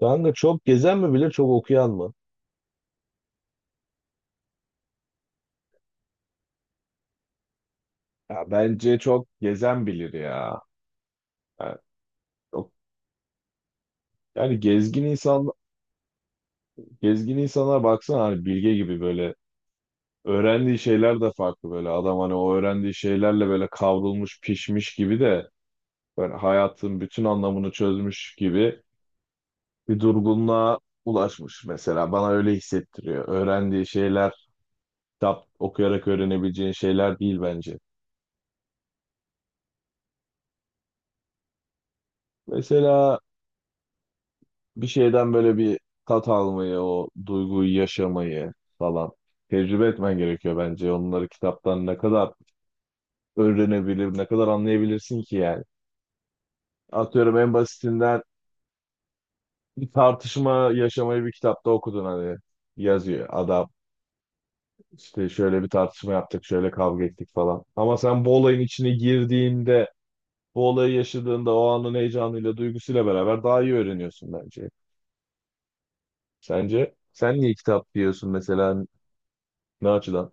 Kanka çok gezen mi bilir çok okuyan mı? Ya bence çok gezen bilir ya. Yani, çok- yani gezgin insanlara baksana hani bilge gibi böyle öğrendiği şeyler de farklı böyle adam hani o öğrendiği şeylerle böyle kavrulmuş pişmiş gibi de böyle hayatın bütün anlamını çözmüş gibi bir durgunluğa ulaşmış mesela bana öyle hissettiriyor. Öğrendiği şeyler kitap okuyarak öğrenebileceğin şeyler değil bence. Mesela bir şeyden böyle bir tat almayı, o duyguyu yaşamayı falan tecrübe etmen gerekiyor bence. Onları kitaptan ne kadar öğrenebilir, ne kadar anlayabilirsin ki yani. Atıyorum en basitinden bir tartışma yaşamayı bir kitapta okudun hani yazıyor adam. İşte şöyle bir tartışma yaptık, şöyle kavga ettik falan. Ama sen bu olayın içine girdiğinde, bu olayı yaşadığında o anın heyecanıyla, duygusuyla beraber daha iyi öğreniyorsun bence. Sence sen niye kitap diyorsun mesela ne açıdan?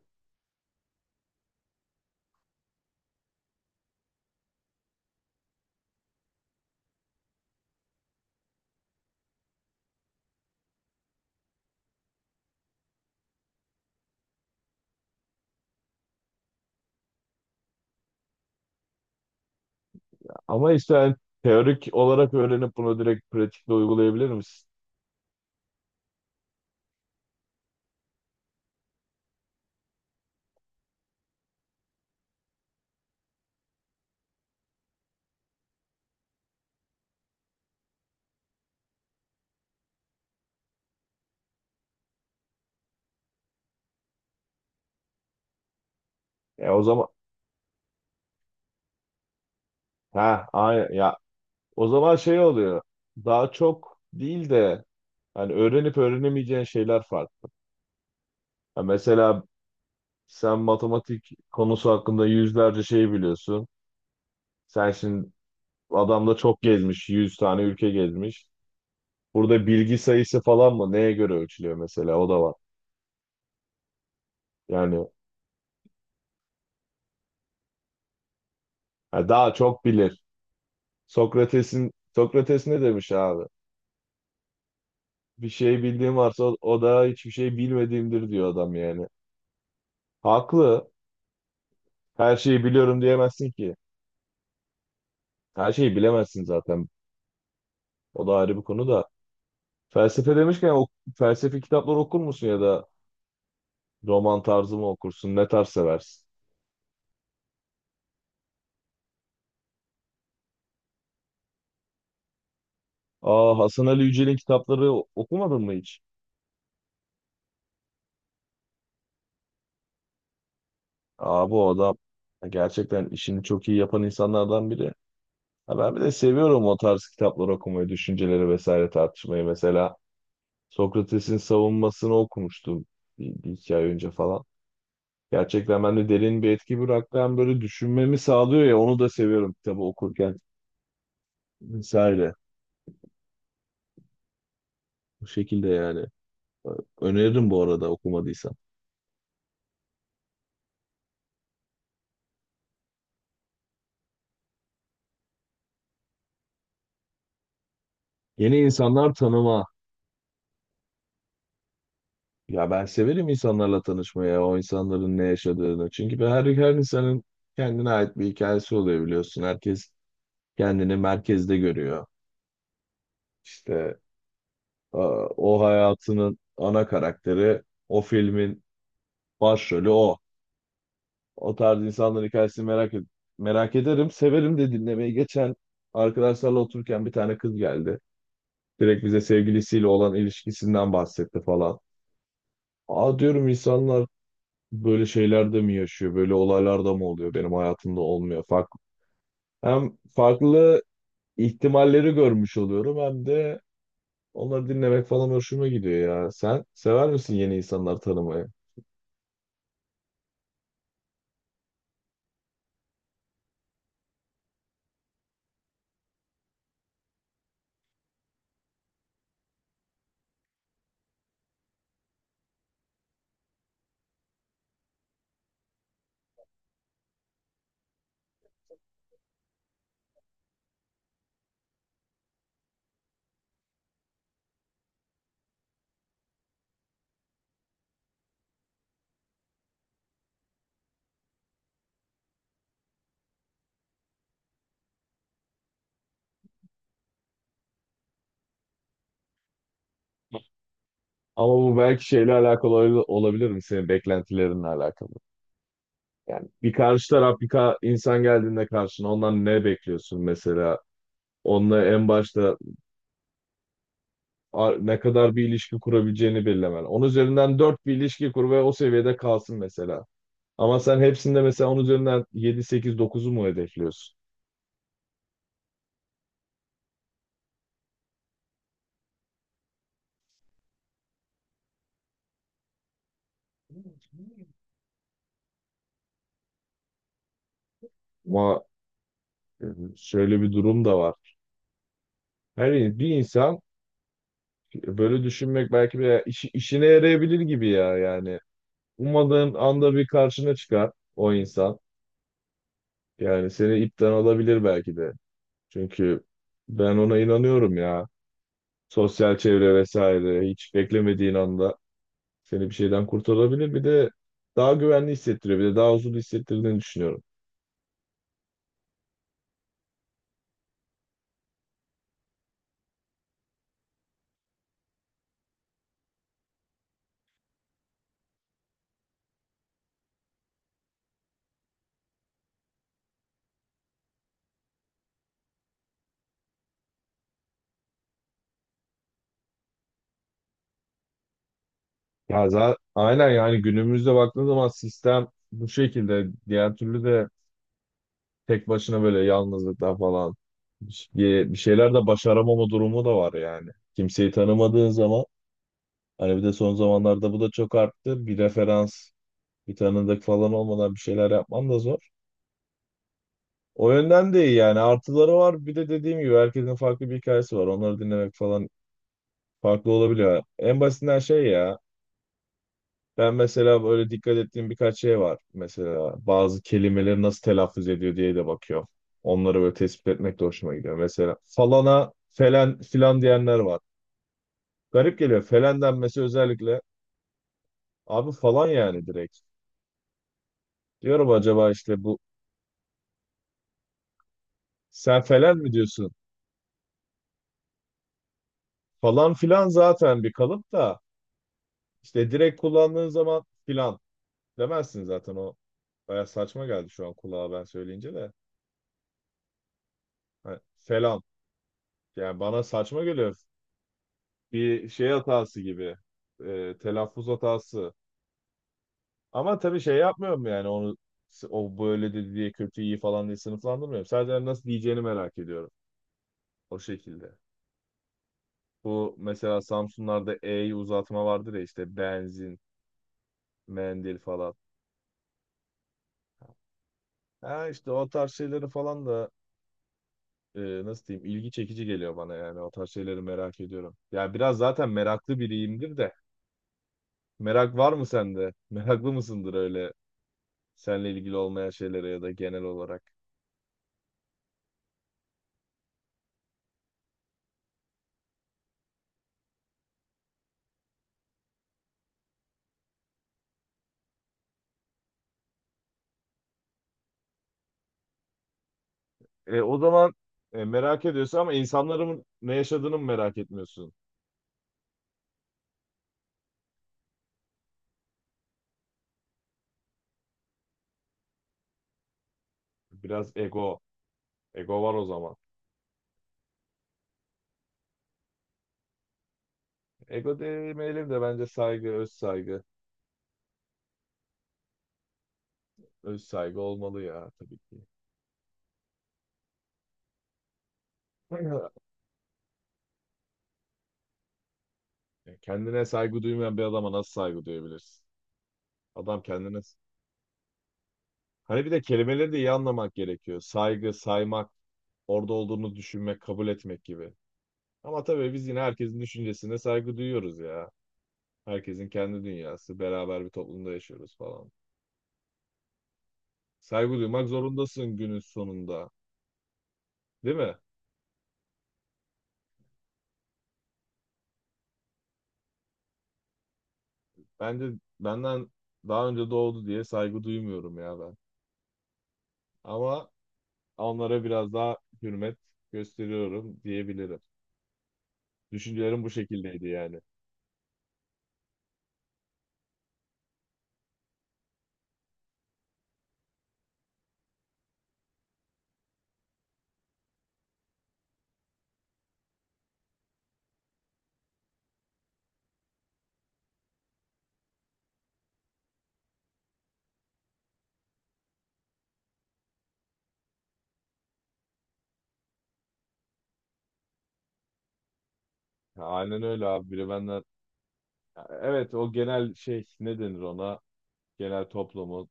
Ama işte yani teorik olarak öğrenip bunu direkt pratikte uygulayabilir misin? E o zaman ha aynen ya o zaman şey oluyor. Daha çok değil de hani öğrenip öğrenemeyeceğin şeyler farklı. Ya mesela sen matematik konusu hakkında yüzlerce şey biliyorsun. Sen şimdi adam da çok gezmiş, 100 tane ülke gezmiş. Burada bilgi sayısı falan mı? Neye göre ölçülüyor mesela? O da var. Yani, yani daha çok bilir. Sokrates ne demiş abi? Bir şey bildiğim varsa o da hiçbir şey bilmediğimdir diyor adam yani. Haklı. Her şeyi biliyorum diyemezsin ki. Her şeyi bilemezsin zaten. O da ayrı bir konu da. Felsefe demişken o felsefi kitaplar okur musun ya da roman tarzı mı okursun? Ne tarz seversin? Aa, Hasan Ali Yücel'in kitapları okumadın mı hiç? Aa, bu adam gerçekten işini çok iyi yapan insanlardan biri. Ha, ben bir de seviyorum o tarz kitapları okumayı, düşünceleri vesaire tartışmayı mesela. Sokrates'in savunmasını okumuştum bir iki ay önce falan. Gerçekten bende derin bir etki bıraktı. Hem böyle düşünmemi sağlıyor ya onu da seviyorum kitabı okurken vesaire. Bu şekilde yani. Öneririm bu arada okumadıysan. Yeni insanlar tanıma. Ya ben severim insanlarla tanışmaya, o insanların ne yaşadığını. Çünkü ben her insanın kendine ait bir hikayesi oluyor biliyorsun. Herkes kendini merkezde görüyor. İşte e, o hayatının ana karakteri o filmin başrolü o. O tarz insanların hikayesini merak ederim. Severim de dinlemeyi. Geçen arkadaşlarla otururken bir tane kız geldi. Direkt bize sevgilisiyle olan ilişkisinden bahsetti falan. Aa, diyorum insanlar böyle şeylerde mi yaşıyor? Böyle olaylarda mı oluyor? Benim hayatımda olmuyor. Farklı. Hem farklı ihtimalleri görmüş oluyorum hem de onları dinlemek falan hoşuma gidiyor ya. Sen sever misin yeni insanlar tanımayı? Ama bu belki şeyle alakalı olabilir mi? Senin beklentilerinle alakalı. Yani bir karşı taraf bir insan geldiğinde karşına ondan ne bekliyorsun mesela? Onunla en başta ne kadar bir ilişki kurabileceğini belirlemen. Onun üzerinden 4 bir ilişki kur ve o seviyede kalsın mesela. Ama sen hepsinde mesela onun üzerinden 7 8 dokuzu mu hedefliyorsun? Ama e, şöyle bir durum da var. Bir insan böyle düşünmek belki bir işine yarayabilir gibi ya yani. Ummadığın anda bir karşına çıkar o insan. Yani seni ipten alabilir belki de. Çünkü ben ona inanıyorum ya. Sosyal çevre vesaire hiç beklemediğin anda seni bir şeyden kurtarabilir. Bir de daha güvenli hissettiriyor. Bir de daha huzurlu hissettirdiğini düşünüyorum. Ya aynen yani günümüzde baktığın zaman sistem bu şekilde. Diğer türlü de tek başına böyle yalnızlıklar falan bir, bir şeyler de başaramama durumu da var yani. Kimseyi tanımadığın zaman hani bir de son zamanlarda bu da çok arttı. Bir referans, bir tanıdık falan olmadan bir şeyler yapman da zor. O yönden de iyi yani. Artıları var. Bir de dediğim gibi herkesin farklı bir hikayesi var. Onları dinlemek falan farklı olabiliyor. En basitinden şey ya. Ben mesela böyle dikkat ettiğim birkaç şey var. Mesela bazı kelimeleri nasıl telaffuz ediyor diye de bakıyorum. Onları böyle tespit etmek de hoşuma gidiyor. Mesela falana felen filan diyenler var. Garip geliyor. Felen denmesi özellikle. Abi falan yani direkt. Diyorum acaba işte bu sen felen mi diyorsun? Falan filan zaten bir kalıp da işte direkt kullandığın zaman filan demezsin zaten o. Baya saçma geldi şu an kulağa ben söyleyince de. Hani falan. Yani bana saçma geliyor. Bir şey hatası gibi. E, telaffuz hatası. Ama tabii şey yapmıyorum yani onu o böyle dedi diye kötü iyi falan diye sınıflandırmıyorum. Sadece hani nasıl diyeceğini merak ediyorum. O şekilde. Bu mesela Samsunlarda E'yi uzatma vardır ya işte benzin, mendil falan. Ha işte o tarz şeyleri falan da nasıl diyeyim ilgi çekici geliyor bana yani o tarz şeyleri merak ediyorum. Ya biraz zaten meraklı biriyimdir de. Merak var mı sende? Meraklı mısındır öyle seninle ilgili olmayan şeylere ya da genel olarak? E, o zaman merak ediyorsun ama insanların ne yaşadığını mı merak etmiyorsun? Biraz ego. Ego var o zaman. Ego demeyelim de bence saygı, öz saygı. Öz saygı olmalı ya tabii ki. Kendine saygı duymayan bir adama nasıl saygı duyabilirsin? Adam kendine hani bir de kelimeleri de iyi anlamak gerekiyor. Saygı, saymak, orada olduğunu düşünmek, kabul etmek gibi. Ama tabii biz yine herkesin düşüncesine saygı duyuyoruz ya. Herkesin kendi dünyası, beraber bir toplumda yaşıyoruz falan. Saygı duymak zorundasın günün sonunda, değil mi? Bence benden daha önce doğdu diye saygı duymuyorum ya ben. Ama onlara biraz daha hürmet gösteriyorum diyebilirim. Düşüncelerim bu şekildeydi yani. Ya, aynen öyle abi. Biri benden evet o genel şey ne denir ona? Genel toplumu,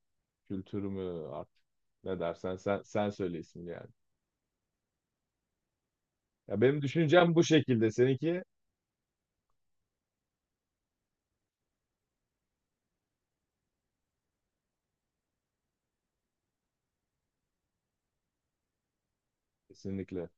kültürü mü artık ne dersen sen söyle ismini yani. Ya benim düşüncem bu şekilde. Seninki? Kesinlikle.